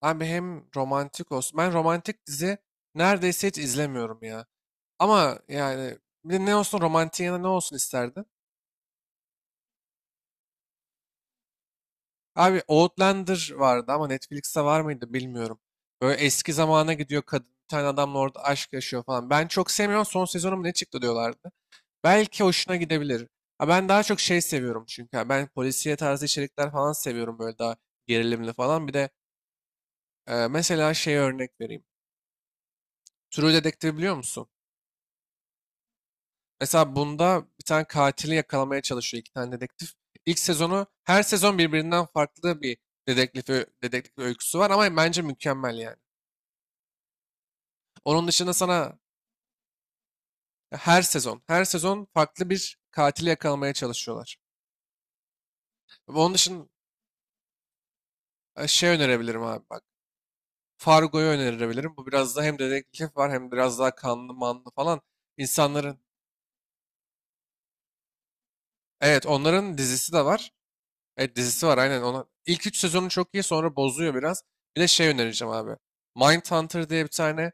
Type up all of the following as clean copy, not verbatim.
Abi hem romantik olsun. Ben romantik dizi neredeyse hiç izlemiyorum ya. Ama yani bir de ne olsun romantik, yana ne olsun isterdin? Abi Outlander vardı ama Netflix'te var mıydı bilmiyorum. Böyle eski zamana gidiyor, kadın bir tane adamla orada aşk yaşıyor falan. Ben çok sevmiyorum, son sezonu mu ne çıktı diyorlardı. Belki hoşuna gidebilir. Ha, ben daha çok şey seviyorum çünkü. Ha, ben polisiye tarzı içerikler falan seviyorum, böyle daha gerilimli falan. Bir de mesela şey örnek vereyim. True Detective biliyor musun? Mesela bunda bir tane katili yakalamaya çalışıyor iki tane dedektif. İlk sezonu her sezon birbirinden farklı bir dedektif, dedektif öyküsü var ama bence mükemmel yani. Onun dışında sana her sezon farklı bir katili yakalamaya çalışıyorlar. Ve onun dışında şey önerebilirim abi, bak. Fargo'yu önerebilirim. Bu biraz da hem dedektif var hem biraz daha kanlı manlı falan. İnsanların, evet, onların dizisi de var. Evet, dizisi var, aynen ona. İlk 3 sezonu çok iyi, sonra bozuyor biraz. Bir de şey önereceğim abi. Mindhunter diye bir tane,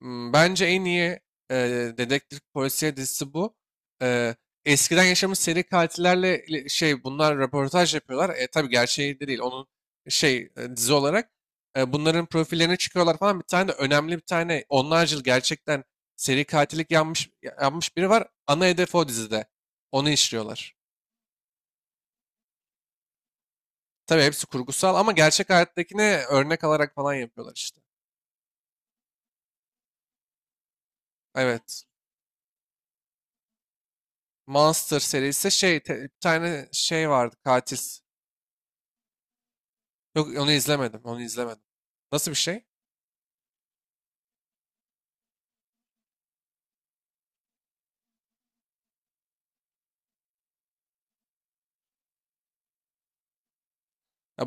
bence en iyi e, dedektif polisiye dizisi bu. E, Eskiden yaşamış seri katillerle şey bunlar röportaj yapıyorlar. Tabii gerçeği de değil onun, şey, dizi olarak. Bunların profillerine çıkıyorlar falan. Bir tane de önemli, bir tane onlarca yıl gerçekten seri katillik yapmış biri var. Ana hedef o, dizide. Onu işliyorlar. Tabii hepsi kurgusal ama gerçek hayattakine örnek alarak falan yapıyorlar işte. Evet. Monster serisi şey, bir tane şey vardı, katil. Yok, onu izlemedim. Onu izlemedim. Nasıl bir şey? Ya,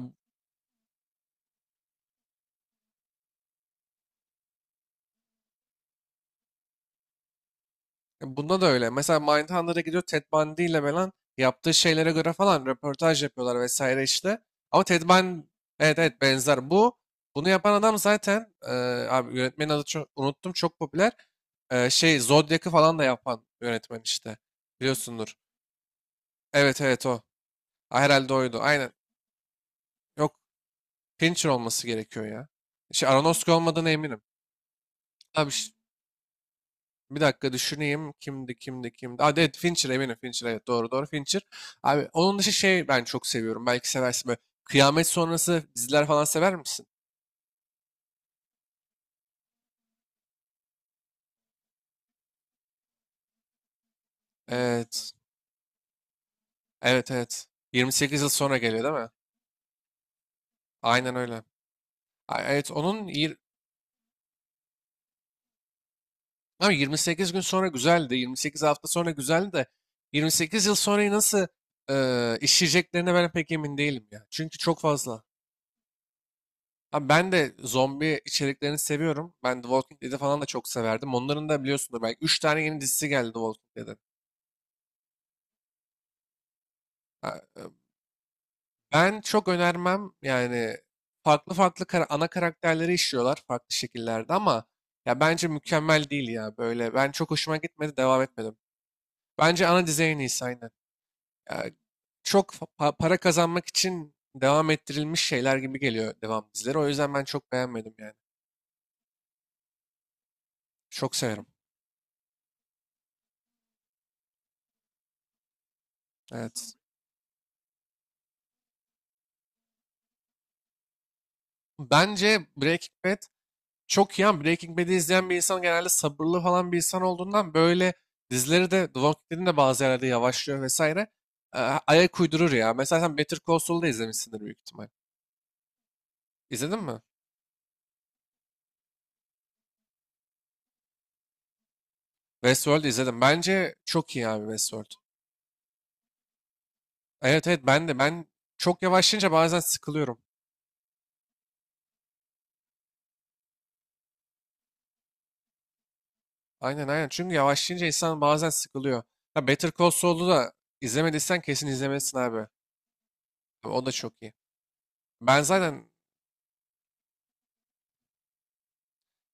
Bunda da öyle. Mesela Mindhunter'a gidiyor, Ted Bundy ile falan yaptığı şeylere göre falan röportaj yapıyorlar vesaire işte. Ama Ted Bundy, evet evet, benzer. Bunu yapan adam zaten, abi yönetmenin adı, çok unuttum, çok popüler. Şey Zodiac'ı falan da yapan yönetmen işte. Biliyorsundur. Evet evet, o. Ha, herhalde oydu. Aynen. Yok, Fincher olması gerekiyor ya. Şey Aronofsky olmadığına eminim. Abi bir dakika düşüneyim. Kimdi, kimdi, kimdi. Aa, evet Fincher, eminim Fincher, evet doğru doğru Fincher. Abi onun dışı şey, ben çok seviyorum. Belki seversin böyle. Kıyamet sonrası diziler falan sever misin? Evet. Evet evet. 28 yıl sonra geliyor değil mi? Aynen öyle. Ay, evet, abi 28 gün sonra güzeldi. 28 hafta sonra güzeldi de 28 yıl sonrayı nasıl işleyeceklerine ben pek emin değilim ya. Çünkü çok fazla. Abi ben de zombi içeriklerini seviyorum. Ben The Walking Dead'i falan da çok severdim. Onların da biliyorsunuz belki üç tane yeni dizisi geldi The Walking Dead'in. Ha, ben çok önermem yani, farklı farklı ana karakterleri işliyorlar farklı şekillerde ama ya bence mükemmel değil ya böyle. Ben çok hoşuma gitmedi, devam etmedim. Bence ana dizi en iyisi, aynen. Ya çok para kazanmak için devam ettirilmiş şeyler gibi geliyor devam dizileri. O yüzden ben çok beğenmedim yani. Çok severim. Evet. Bence Breaking Bad çok iyi ama Breaking Bad'i izleyen bir insan genelde sabırlı falan bir insan olduğundan, böyle dizileri de, The Walking Dead'in de bazı yerlerde yavaşlıyor vesaire. Ee, Ayak uydurur ya. Mesela sen Better Call Saul'da da izlemişsindir büyük ihtimal. İzledin mi? Westworld izledim. Bence çok iyi abi Westworld. Evet evet, ben çok yavaşlayınca bazen sıkılıyorum. Aynen aynen. Çünkü yavaşlayınca insan bazen sıkılıyor. Ya Better Call Saul'u da izlemediysen kesin izlemelisin abi. O da çok iyi. Ben zaten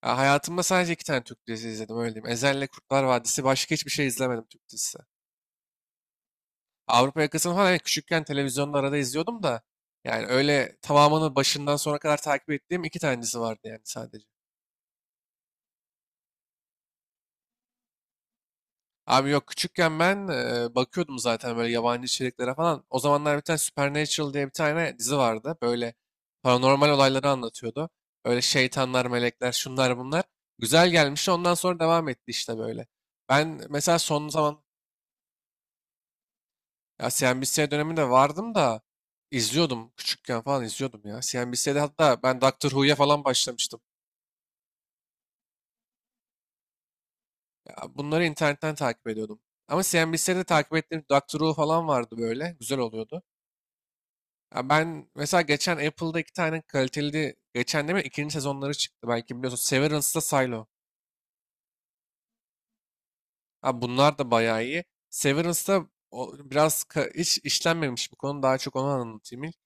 Ya hayatımda sadece iki tane Türk dizisi izledim, öyle diyeyim. Ezel'le Kurtlar Vadisi, başka hiçbir şey izlemedim Türk dizisi. Avrupa Yakası'nı falan, evet, küçükken televizyonda arada izliyordum da yani öyle tamamını başından sona kadar takip ettiğim iki tane dizi vardı yani, sadece. Abi yok, küçükken ben, bakıyordum zaten böyle yabancı içeriklere falan. O zamanlar bir tane Supernatural diye bir tane dizi vardı. Böyle paranormal olayları anlatıyordu. Öyle şeytanlar, melekler, şunlar bunlar. Güzel gelmişti, ondan sonra devam etti işte, böyle. Ben mesela son Ya CNBC döneminde vardım da izliyordum, küçükken falan izliyordum ya. CNBC'de hatta ben Doctor Who'ya falan başlamıştım. Ya bunları internetten takip ediyordum. Ama CNBC'de takip ettiğim Doctor Who falan vardı böyle. Güzel oluyordu. Ya ben mesela geçen Apple'da iki tane kaliteli, geçen değil mi, ikinci sezonları çıktı. Belki biliyorsun, Severance'da Silo. Ha, bunlar da bayağı iyi. Severance'da biraz hiç işlenmemiş bir konu. Daha çok onu anlatayım ilk.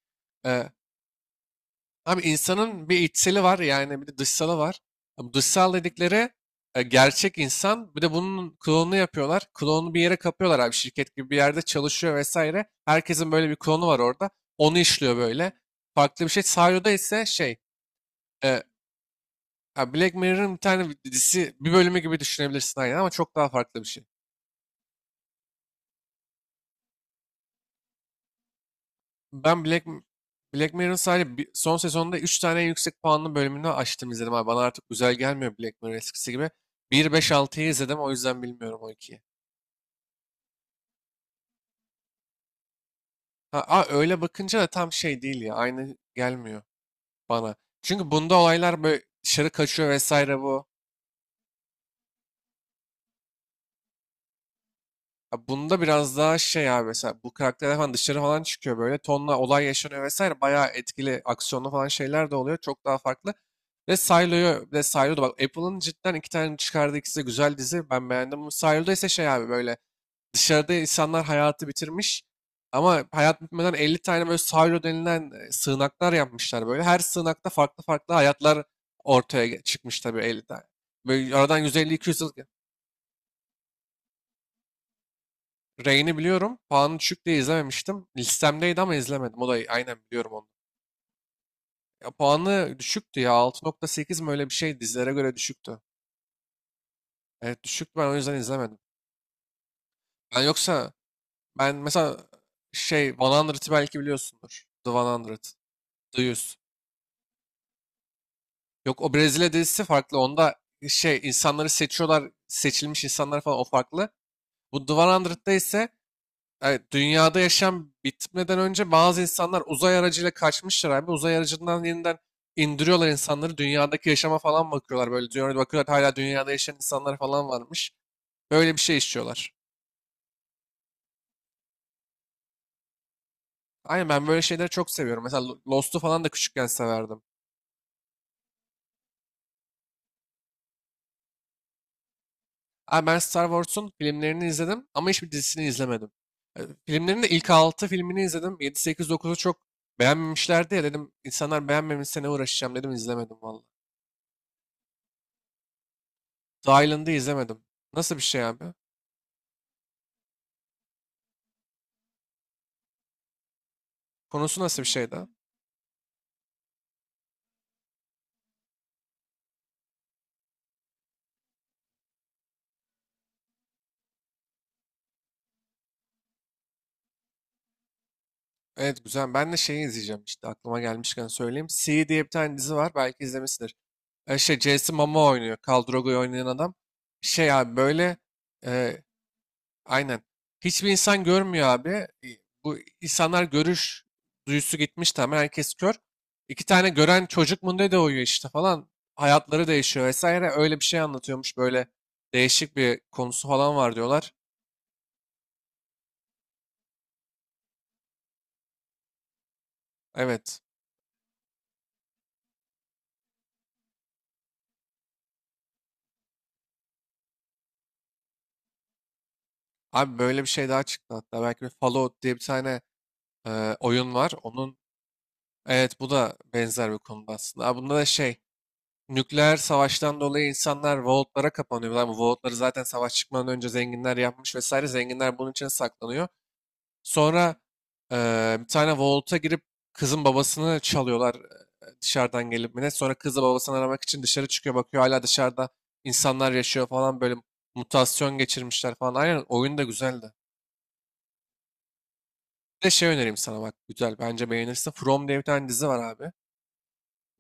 Abi insanın bir içseli var yani, bir de dışsalı var. Abi dışsal dedikleri, gerçek insan. Bir de bunun klonunu yapıyorlar. Klonunu bir yere kapıyorlar abi, şirket gibi bir yerde çalışıyor vesaire. Herkesin böyle bir klonu var orada. Onu işliyor böyle. Farklı bir şey. Sario'da ise şey e, ya Black Mirror'ın bir tane dizisi, bir bölümü gibi düşünebilirsin aynen ama çok daha farklı bir şey. Ben Black Mirror'ın sadece son sezonunda 3 tane yüksek puanlı bölümünü açtım izledim abi. Bana artık güzel gelmiyor Black Mirror, eskisi gibi. Bir beş altıyı izledim o yüzden, bilmiyorum o 2'yi. Ha, öyle bakınca da tam şey değil ya, aynı gelmiyor bana. Çünkü bunda olaylar böyle dışarı kaçıyor vesaire, bu. Abi bunda biraz daha şey abi, mesela bu karakterler falan dışarı falan çıkıyor, böyle tonla olay yaşanıyor vesaire, bayağı etkili aksiyonlu falan şeyler de oluyor, çok daha farklı. Ve Silo'da, bak Apple'ın cidden iki tane çıkardığı, ikisi de güzel dizi, ben beğendim. Bu Silo'da ise şey abi, böyle dışarıda insanlar hayatı bitirmiş ama hayat bitmeden 50 tane böyle Silo denilen, sığınaklar yapmışlar böyle. Her sığınakta farklı farklı hayatlar ortaya çıkmış tabii, 50 tane. Böyle aradan 150 yüz yıl. Reign'i biliyorum. Puanı düşük diye izlememiştim. Listemdeydi ama izlemedim. O da, aynen, biliyorum onu. Ya puanı düşüktü ya. 6.8 mi öyle bir şey, dizilere göre düşüktü. Evet, düşüktü, ben o yüzden izlemedim. Ben yoksa ben mesela şey 100'ı belki biliyorsundur. The 100. The 100. Yok, o Brezilya dizisi farklı. Onda şey insanları seçiyorlar, seçilmiş insanlar falan, o farklı. Bu The 100'da ise, evet, dünyada yaşam bitmeden önce bazı insanlar uzay aracıyla kaçmışlar abi. Uzay aracından yeniden indiriyorlar insanları. Dünyadaki yaşama falan bakıyorlar böyle. Dünyada bakıyorlar, hala dünyada yaşayan insanlar falan varmış. Böyle bir şey işliyorlar. Aynen, ben böyle şeyleri çok seviyorum. Mesela Lost'u falan da küçükken severdim. Abi ben Star Wars'un filmlerini izledim ama hiçbir dizisini izlemedim. Filmlerin de ilk 6 filmini izledim. Yedi 8 dokuzu çok beğenmemişlerdi ya dedim. İnsanlar beğenmemişse ne uğraşacağım dedim, izlemedim valla. The Island'ı izlemedim. Nasıl bir şey abi? Konusu nasıl bir şeydi? Evet, güzel. Ben de şeyi izleyeceğim işte, aklıma gelmişken söyleyeyim. C diye bir tane dizi var. Belki izlemişsindir. Şey Jason Momoa oynuyor, Khal Drogo'yu oynayan adam. Şey abi böyle e, aynen. Hiçbir insan görmüyor abi. Bu insanlar görüş duyusu gitmiş tamamen. Herkes kör. İki tane gören çocuk mu ne de uyuyor işte falan. Hayatları değişiyor vesaire. Öyle bir şey anlatıyormuş. Böyle değişik bir konusu falan var diyorlar. Evet. Abi böyle bir şey daha çıktı hatta. Belki, bir Fallout diye bir tane, oyun var. Onun, evet, bu da benzer bir konuda aslında. Aa, bunda da şey nükleer savaştan dolayı insanlar vaultlara kapanıyor. Lan, bu vaultları zaten savaş çıkmadan önce zenginler yapmış vesaire. Zenginler bunun içine saklanıyor. Sonra, bir tane vault'a girip kızın babasını çalıyorlar, dışarıdan gelip mi ne. Sonra kızı babasını aramak için dışarı çıkıyor, bakıyor hala dışarıda insanlar yaşıyor falan, böyle mutasyon geçirmişler falan. Aynen, oyun da güzeldi. Bir de şey önereyim sana, bak güzel, bence beğenirsin. From diye bir tane dizi var abi.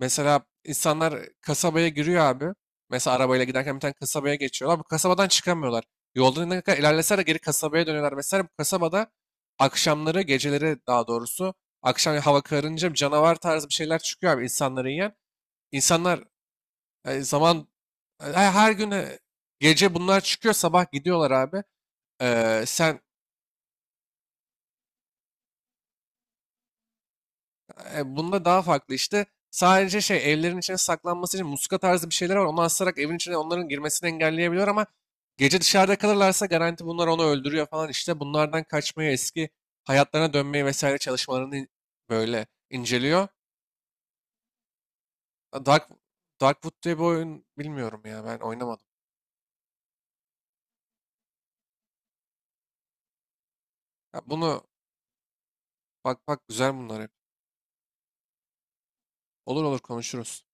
Mesela insanlar kasabaya giriyor abi. Mesela arabayla giderken bir tane kasabaya geçiyorlar. Bu kasabadan çıkamıyorlar. Yolda ne kadar ilerlese de geri kasabaya dönüyorlar. Mesela bu kasabada akşamları, geceleri, daha doğrusu akşam hava kararınca bir canavar tarzı bir şeyler çıkıyor abi, insanları yiyen. İnsanlar, zaman, her gün, gece bunlar çıkıyor, sabah gidiyorlar abi. Ee, sen Bunda daha farklı işte. Sadece şey evlerin içine saklanması için muska tarzı bir şeyler var. Onu asarak evin içine onların girmesini engelleyebiliyor ama gece dışarıda kalırlarsa garanti bunlar onu öldürüyor falan işte. Bunlardan kaçmayı, eski hayatlarına dönmeyi vesaire çalışmalarını böyle inceliyor. Ha, Darkwood diye bir oyun, bilmiyorum ya, ben oynamadım. Ya bunu, bak bak, güzel bunlar hep. Olur olur, konuşuruz.